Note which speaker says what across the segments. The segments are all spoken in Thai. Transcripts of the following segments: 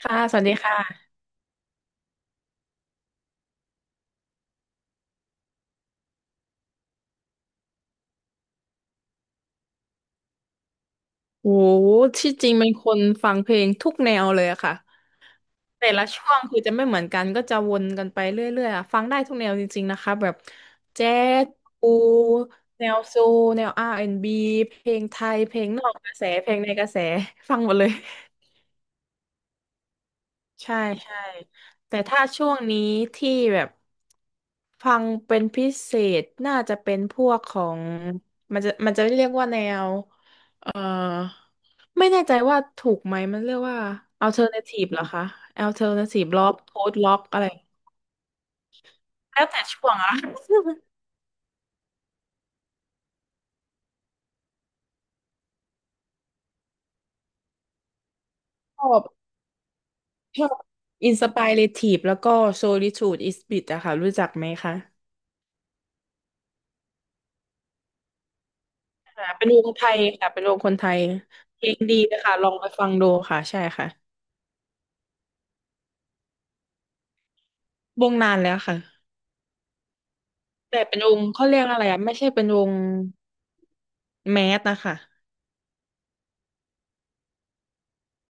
Speaker 1: ค่ะ สวัสดีค่ะโห ที่จริงเป็นคนฟังเพลงทุกแนวเลยอะค่ะ แต่ละช่วงคือจะไม่เหมือนกันก็จะวนกันไปเรื่อยๆอะฟังได้ทุกแนวจริงๆ นะคะแบบแจ๊สปูแนวโซลแนว R&B เพลงไทย เพลงนอกกระแส เพลงในกระแส ฟังหมดเลย ใช่ใช่แต่ถ้าช่วงนี้ที่แบบฟังเป็นพิเศษน่าจะเป็นพวกของมันจะเรียกว่าแนวเอ่อไม่แน่ใจว่าถูกไหมมันเรียกว่า alternative เหรอคะ alternative rock post rock อะไรแล้วแต่ช่วงอะ ชอบชอบ inspirative แล้วก็ solitude is bit อะค่ะรู้จักไหมคะค่ะเป็นวงไทยค่ะเป็นวงคนไทยเพลงดีเลยค่ะลองไปฟังดูค่ะใช่ค่ะ วงนานแล้วค่ะแต่เป็นวงเขาเรียกอะไรอ่ะไม่ใช่เป็นวงแมสนะคะ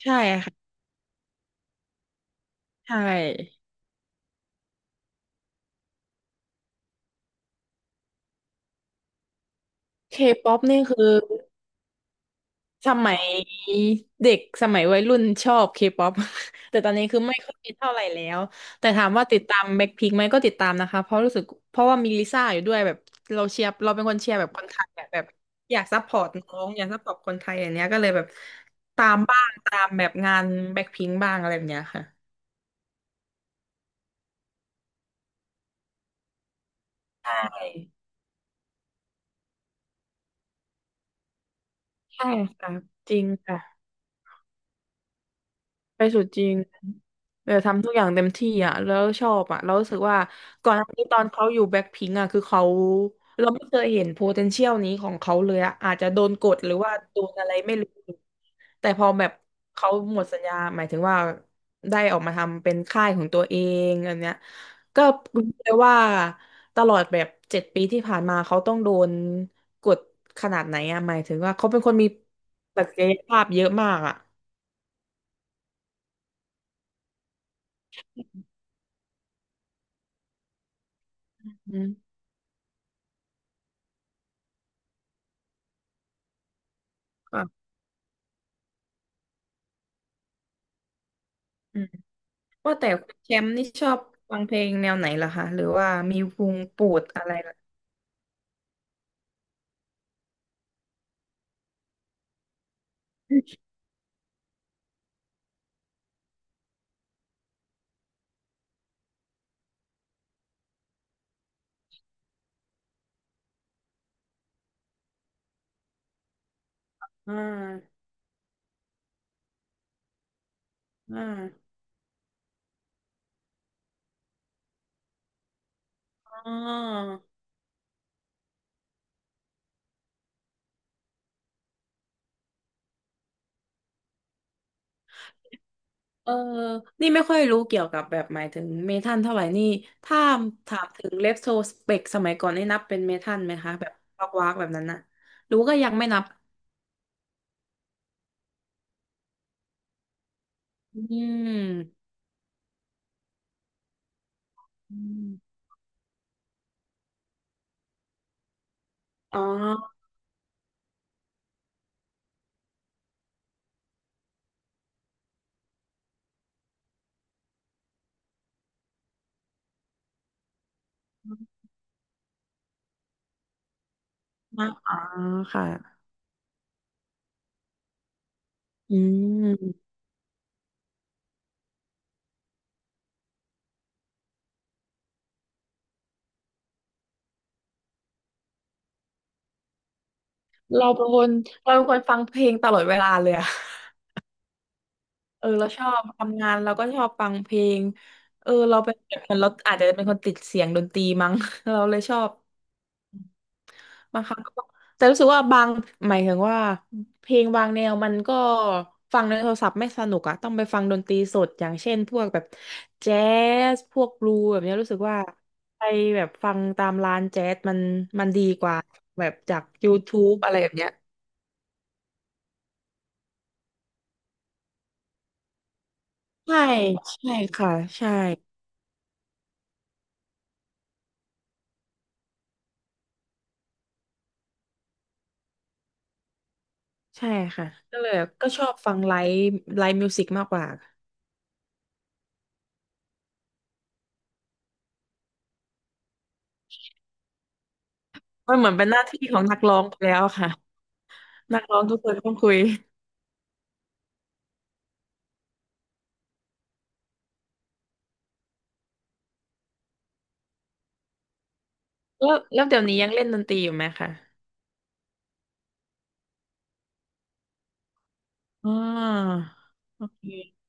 Speaker 1: ใช่ค่ะใช่เคป๊อปนี่คือสมัยเด็กสมัยวัยรุ่นชอบเคป๊อป แต่ตอนนี้คือไม่ค่อยเท่าไหร่แล้วแต่ถามว่าติดตามแบ็คพิงไหมก็ติดตามนะคะเพราะรู้สึกเพราะว่ามีลิซ่าอยู่ด้วยแบบเราเชียร์เราเป็นคนเชียร์แบบคนไทยแบบแบบอยากซัพพอร์ตน้องอยากซัพพอร์ตคนไทยอย่างเนี้ยก็เลยแบบตามบ้างตามแบบงานแบ็คพิงบ้างอะไรแบบเนี้ยค่ะใช่ใช่ค่ะจริงค่ะ ไปสู่จริงเออทำทุกอย่างเต็มที่อ่ะแล้วชอบอ่ะแล้วรู้สึกว่าก่อนหน้านี้ตอนเขาอยู่แบ็คพิงอ่ะคือเขาเราไม่เคยเห็น potential นี้ของเขาเลยอ่ะอาจจะโดนกดหรือว่าโดนอะไรไม่รู้แต่พอแบบเขาหมดสัญญาหมายถึงว่าได้ออกมาทำเป็นค่ายของตัวเองอันเนี้ยก็รู้เลยว่าตลอดแบบ7 ปีที่ผ่านมาเขาต้องโดนกดขนาดไหนอ่ะหมายถึงว่าเขาเป็นคนมีศักยภาพเยอะมากอ่ะอืมค่ะ ว่าแต่คุณแชมป์นี่ชอบฟังเพลงแนวไหนล่ะคะหรือว่ามีวงโปรดอะไรล่ะอ่าอ่าอ๋อเออนี่ไม่ค่อยรู้เกี่ยวกับแบบหมายถึงเมทัลเท่าไหร่นี่ถ้าถามถึงเลฟโซสเปกสมัยก่อนนี่นับเป็นเมทัลไหมคะแบบวักวักแบบนั้นนะรู้ก็ยังไม่นับอืมอืมอ๋อนับอ๋อค่ะอืมเราเป็นคนเราเป็นคนฟังเพลงตลอดเวลาเลยอะ เออเราชอบทำงานเราก็ชอบฟังเพลงเออเราเป็นแบบนั้นเราอาจจะเป็นคนติดเสียงดนตรีมั้ง เราเลยชอบบางครั้งก็แต่รู้สึกว่าบางหมายถึงว่าเพลงบางแนวมันก็ฟังในโทรศัพท์ไม่สนุกอะต้องไปฟังดนตรีสดอย่างเช่นพวกแบบแจ๊สพวกบลูแบบเนี้ยรู้สึกว่าไปแบบฟังตามร้านแจ๊สมันดีกว่าแบบจาก YouTube อะไรแบบเนี้ยใช่ใช่ค่ะใช่ ใช่ค่ะก็เลยก็ชอบฟังไลฟ์ไลฟ์มิวสิกมากกว่ามันเหมือนเป็นหน้าที่ของนักร้องไปแล้วค่ะนักร้องทุกคนต้องคุยแล้วแล้วเดี๋ยวนี้ยังเล่นดนตรีอยู่ไหมคะอ๋อโอเค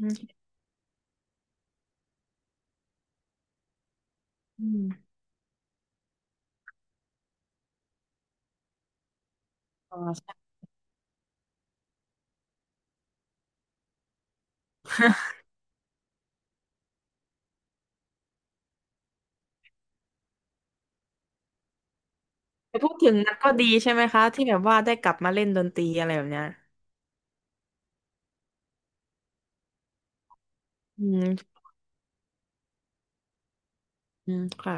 Speaker 1: อืมอืมอืมอ๋อใช่ แต่พูดถึงนันก็ดีใช่ไหมคะที่แบบว่าได้กลับมาเล่นดนตรีอะไรแบบเนี้ยอืมอืมค่ะ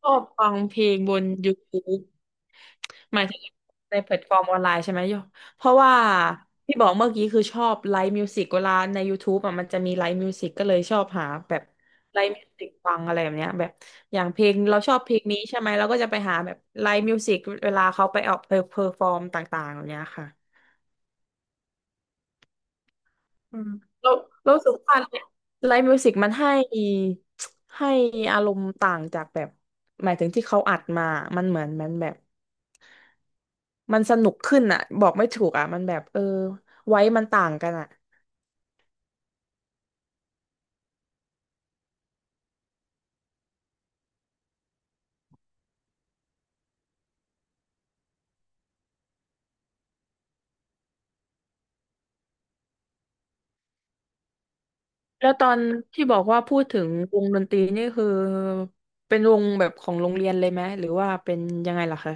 Speaker 1: ชอบฟังเพลงบน YouTube หมายถึงในแพลตฟอร์มออนไลน์ใช่ไหมโยเพราะว่าพี่บอกเมื่อกี้คือชอบไลฟ์มิวสิกเวลาใน YouTube อ่ะมันจะมีไลฟ์มิวสิกก็เลยชอบหาแบบไลฟ์มิวสิกฟังอะไรแบบเนี้ยแบบอย่างเพลงเราชอบเพลงนี้ใช่ไหมเราก็จะไปหาแบบไลฟ์มิวสิกเวลาเขาไปออกเพอร์ฟอร์มต่างๆแบบเนี้ยค่ะ อืมเราเรารู้สึกว่าไลฟ์มิวสิกมันให้ให้อารมณ์ต่างจากแบบหมายถึงที่เขาอัดมามันเหมือนมันแบบมันสนุกขึ้นอ่ะบอกไม่ถูกอ่ะมันแบบเออไว้มันต่างกันอ่ะแล้วตอนที่บอกว่าพูดถึงวงดนตรีนี่คือเป็นวงแบบของโรงเรียนเลยไหมหรือว่าเป็นยังไงล่ะคะ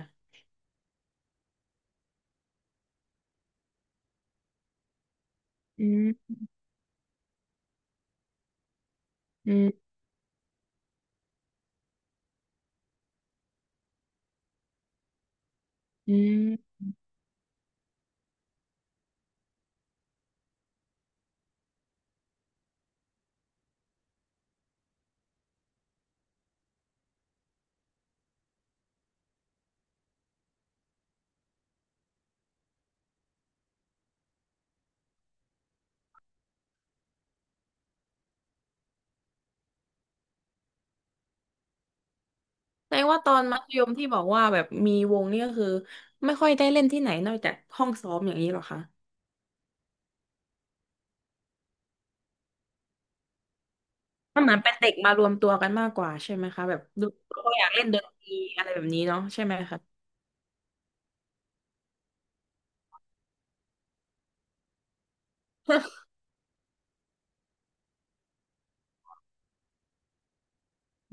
Speaker 1: อืมอืมอืม แสดงว่าตอนมัธยมที่บอกว่าแบบมีวงนี่ก็คือไม่ค่อยได้เล่นที่ไหนนอกจากห้องซ้อมอย่างนี้หรอคะมันเหมือนเป็นเด็กมารวมตัวกันมากกว่าใช่ไหมคะแบบดูก็อยากเล่นดนตรีอะไรแบบนี้เนาะใช่ไหมคะ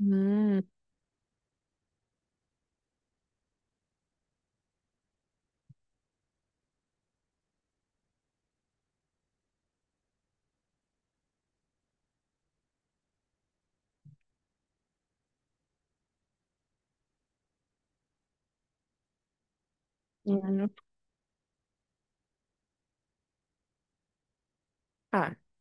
Speaker 1: อืมอืมค่ะ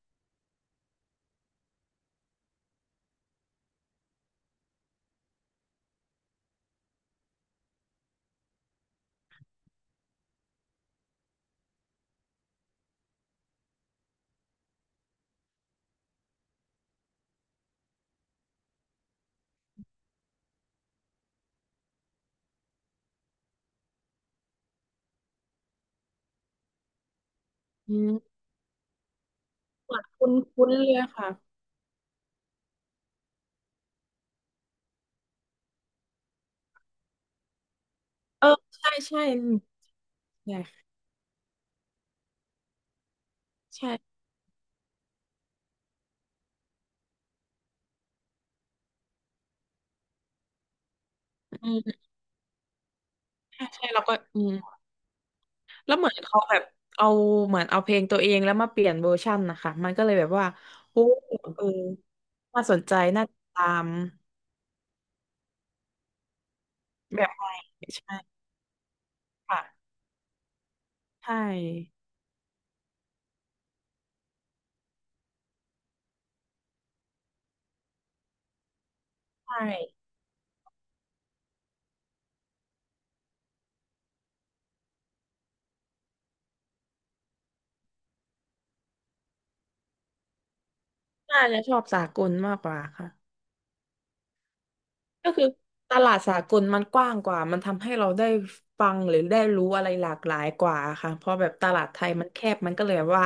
Speaker 1: อืมเหมือนคุ้นคุ้นเลยค่ะเออใช่ใช่ใช่ใช่อืมใช่ใช่แล้วก็อืมแล้วเหมือนเขาแบบเอาเหมือนเอาเพลงตัวเองแล้วมาเปลี่ยนเวอร์ชันนะคะมันก็เลยแบบว่าโอ้เออน่าสนใจน่าติดตาม แบบใหม่ใช่ค่ะใช่ใช่น่าจะชอบสากลมากกว่าค่ะ ก็คือตลาดสากลมันกว้างกว่า มันทำให้เราได้ฟังหรือได้รู้อะไรหลากหลายกว่าค่ะเพราะแบบตลาดไทยมันแคบมันก็เลยว่า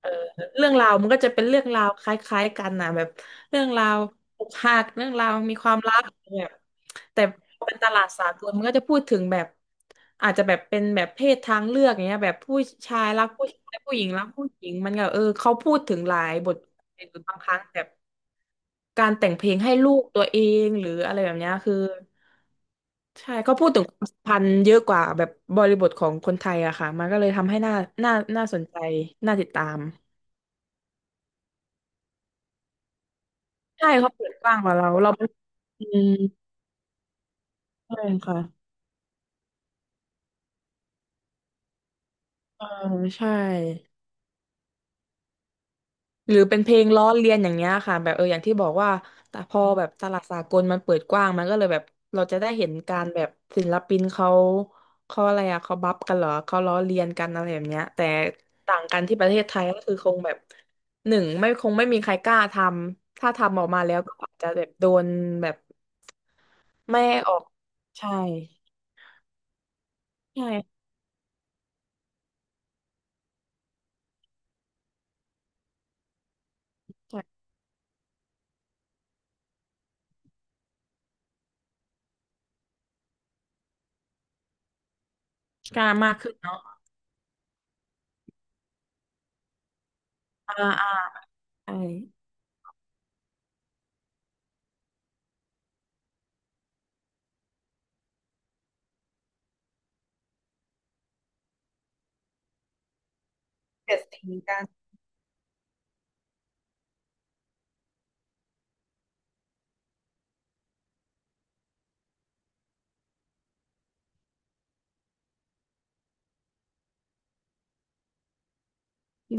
Speaker 1: เออเรื่องราวมันก็จะเป็นเรื่องราวคล้ายๆกันนะแบบเรื่องราวอกหักเรื่องราวมีความรักแบบแต่พอเป็นตลาดสากลมันก็จะพูดถึงแบบอาจจะแบบเป็นแบบเพศทางเลือกอย่างเงี้ยแบบผู้ชายรักผู้ชายผู้หญิงรักผู้หญิงมันก็เออเขาพูดถึงหลายบทหรือบางครั้งแบบ การแต่งเพลงให้ลูกตัวเองหรืออะไรแบบเนี้ยคือใช่เขาพูดถึงความสัมพันธ์เยอะกว่าแบบบริบทของคนไทยอะค่ะมันก็เลยทำให้น่าสนใจน่าติดตามใช่เขาเปิดกว้างกว่าเราเราเป็นอืมใช่ค่ะเออใช่ หรือเป็นเพลงล้อเลียนอย่างเงี้ยค่ะแบบเอออย่างที่บอกว่าแต่พอแบบตลาดสากลมันเปิดกว้างมันก็เลยแบบเราจะได้เห็นการแบบศิลปินเขาเขาอะไรอะเขาบัฟกันเหรอเขาล้อเลียนกันอะไรแบบเนี้ยแต่ต่างกันที่ประเทศไทยก็คือคงแบบหนึ่งไม่คงไม่มีใครกล้าทำถ้าทำออกมาแล้วก็อาจจะแบบโดนแบบไม่ให้ออกใช่ใช่ใช่กล้ามากขึ้นเนาะอ่าอ่าใช่เกิดสิ่งกัน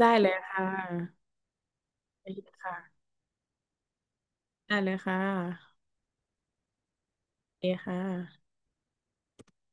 Speaker 1: ได้เลยค่ะได้เลยค่ะได้เลยค่ะ โอเคค่ะ